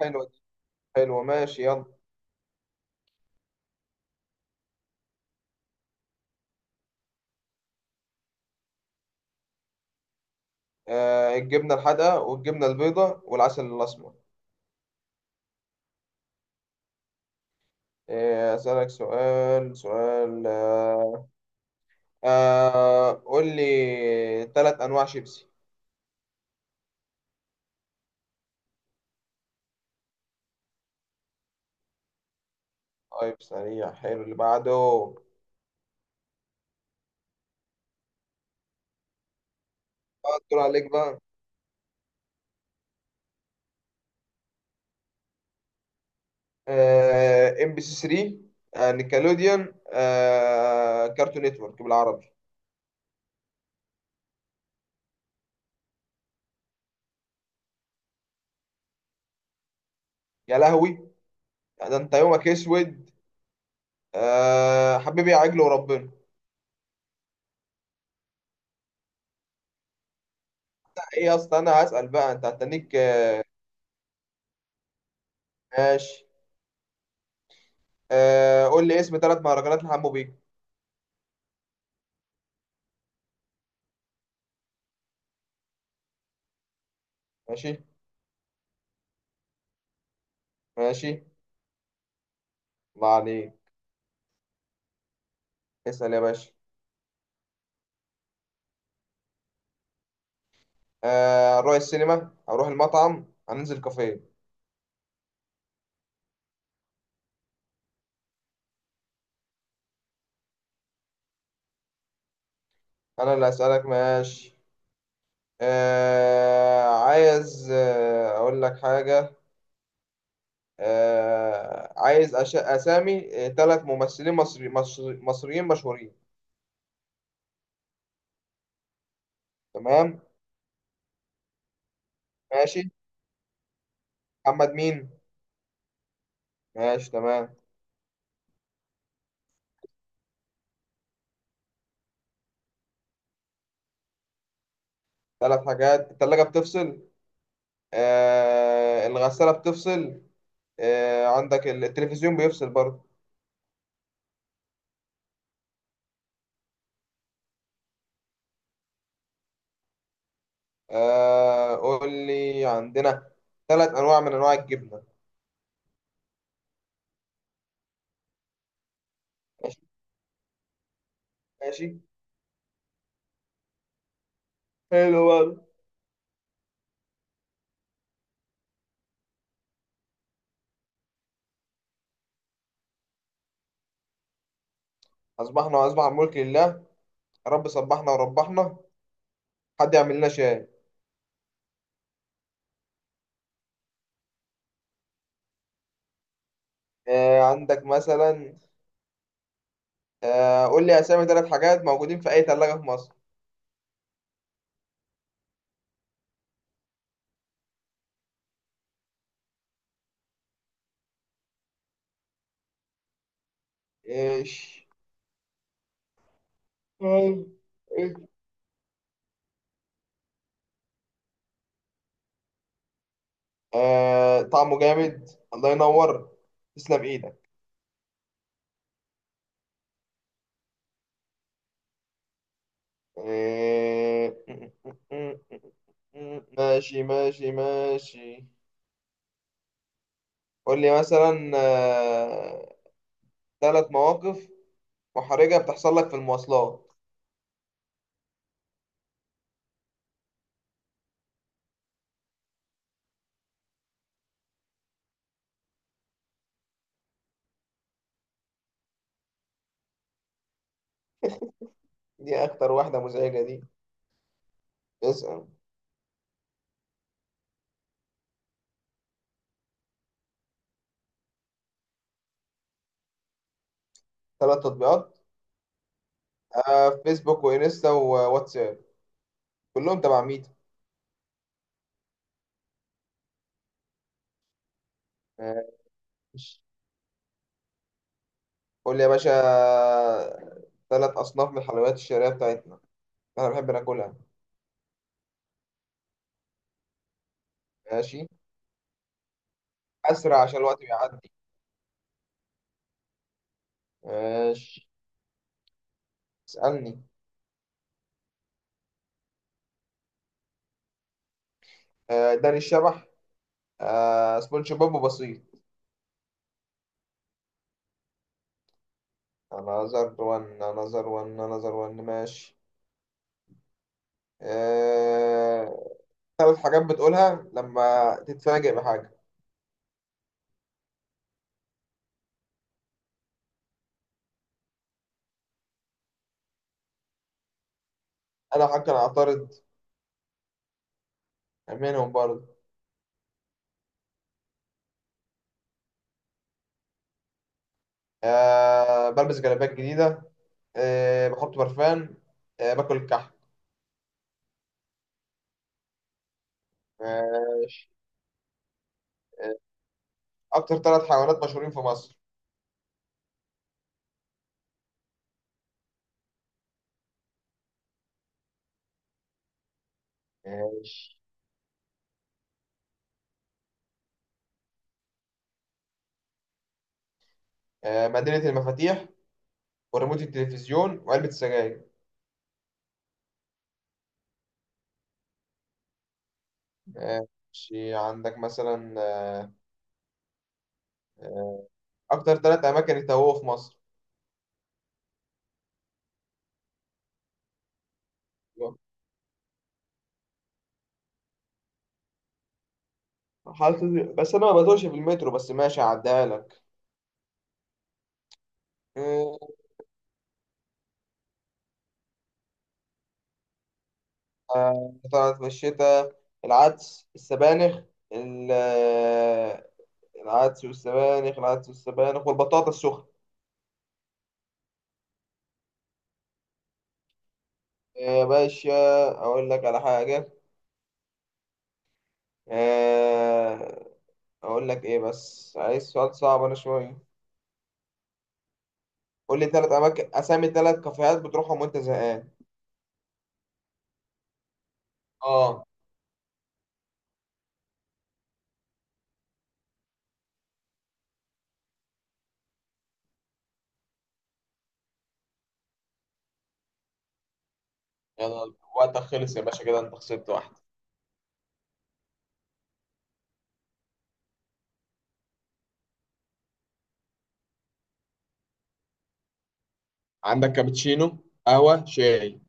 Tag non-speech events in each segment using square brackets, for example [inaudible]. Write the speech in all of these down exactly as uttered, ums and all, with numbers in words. حلوة دي. حلوة، ماشي، يلا. آه الجبنة الحادقة والجبنة البيضاء والعسل الأسمر. آه أسألك سؤال سؤال آه آه قول لي تلات أنواع شيبسي. طيب، سريع، حلو، اللي بعده. آه، دور عليك بقى. آه ام بي سي ثري، آه نيكلوديان، آه كارتون نتورك بالعربي. يا لهوي، ده انت يومك اسود. آه حبيبي يا عجل وربنا. ايه اصلا انا هسأل بقى انت هتنيك. ماشي، آه قول لي اسم ثلاث مهرجانات لحمو بيكا. ماشي ماشي. الله عليك، اسأل يا باشا. آه هنروح السينما، هنروح المطعم، هننزل كافيه. انا اللي هسألك. ماشي، آه عايز آه اقول لك حاجة. آه عايز أش... اسامي ثلاث ممثلين مصري... مصري... مصريين مشهورين. تمام، ماشي. محمد مين؟ ماشي، تمام. ثلاث حاجات، الثلاجة بتفصل، آه الغسالة بتفصل، آه، عندك التلفزيون بيفصل برضه. آه، قول لي، عندنا ثلاث انواع من انواع الجبنه. ماشي. ماشي. حلو برضه. اصبحنا واصبح الملك لله. رب صبحنا وربحنا. حد يعمل لنا شاي. آه، عندك مثلا آه، قول لي اسامي ثلاث حاجات موجودين في اي ثلاجه في مصر. ايش؟ آه، طعمه جامد، الله ينور، تسلم ايدك آه، [laughs] ماشي ماشي ماشي. قول لي مثلا، آه، ثلاث مواقف محرجة بتحصل لك في المواصلات. دي أكتر واحدة مزعجة دي. اسأل. ثلاث تطبيقات، آه، فيسبوك وإنستا وواتساب، كلهم تبع ميتا. ماشي. قول لي يا باشا، ثلاث أصناف من الحلويات الشهرية بتاعتنا، أنا بحب ناكلها. ماشي. أسرع عشان الوقت بيعدي. ماشي، اسألني. آه، داني الشبح، آه، سبونج بوب وبسيط. أنا نظر وان أنا نظر وان أنا نظر وان. ماشي. آه، ثلاث حاجات بتقولها لما تتفاجئ بحاجة. أنا حاجة أنا أعترض منهم برضه. أه بلبس جلابيات جديدة. أه بحط برفان. أه باكل كحك. ماشي. أه أكتر ثلاث حيوانات مشهورين في مصر. ماشي. أه مدينة المفاتيح وريموت التلفزيون وعلبة السجاير. ماشي، عندك مثلا، آه، أكتر ثلاث أماكن التهوه في مصر. حالة، بس أنا ما بتوهش في المترو، بس ماشي، هعديها لك. آه، آه، طلعت في الشتاء، العدس السبانخ ال- آه، العدس والسبانخ العدس والسبانخ والبطاطا السخنة. يا باشا، أقول لك على حاجة. آه، أقول لك إيه، بس عايز سؤال صعب أنا شوية. قول لي تلات أماكن، أسامي تلات كافيهات بتروحهم وأنت زهقان. اه. يلا وقتك خلص يا باشا، كده انت خسرت واحدة. عندك كابتشينو، قهوة، شاي.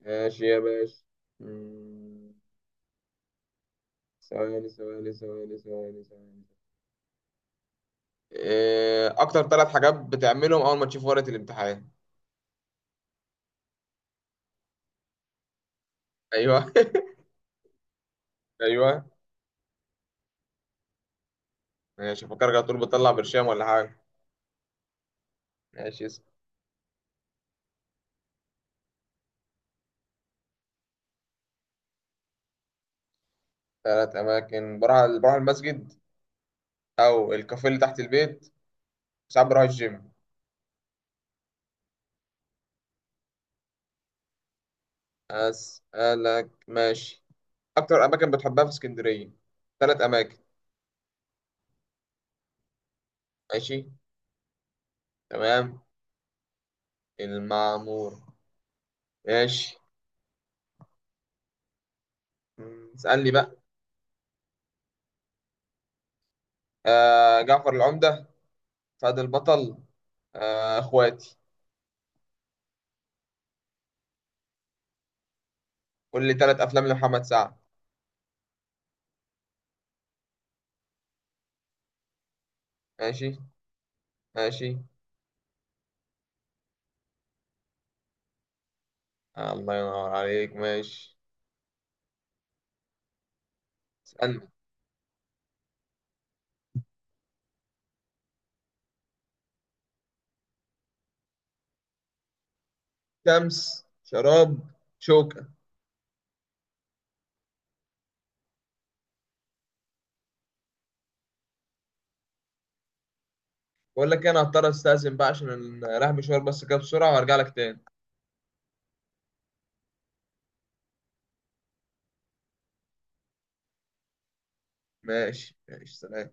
ماشي يا باشا. مم، ثواني ثواني ثواني ثواني ثواني. إيه، اكتر ثلاث حاجات بتعملهم اول ما تشوف ورقه الامتحان. ايوه. [laughs] ايوه. ماشي، فكرك على طول بتطلع برشام ولا حاجه. ماشي. اسم ثلاث اماكن، بروح على- بروح المسجد، او الكافيه اللي تحت البيت، ساعات بروح الجيم. اسالك ماشي. اكتر اماكن بتحبها في اسكندريه، ثلاث اماكن. ماشي تمام. المعمور. ماشي. مم، اسالني بقى. آه جعفر العمده، فهد البطل، آه اخواتي. قول لي ثلاث افلام لمحمد سعد. ماشي ماشي. الله ينور عليك، ماشي. اسألني. شمس، شراب، شوكة. بقول لك إيه، انا هضطر استأذن بقى عشان رايح مشوار، بس كده بسرعة وارجع لك تاني. ماشي ماشي سلام.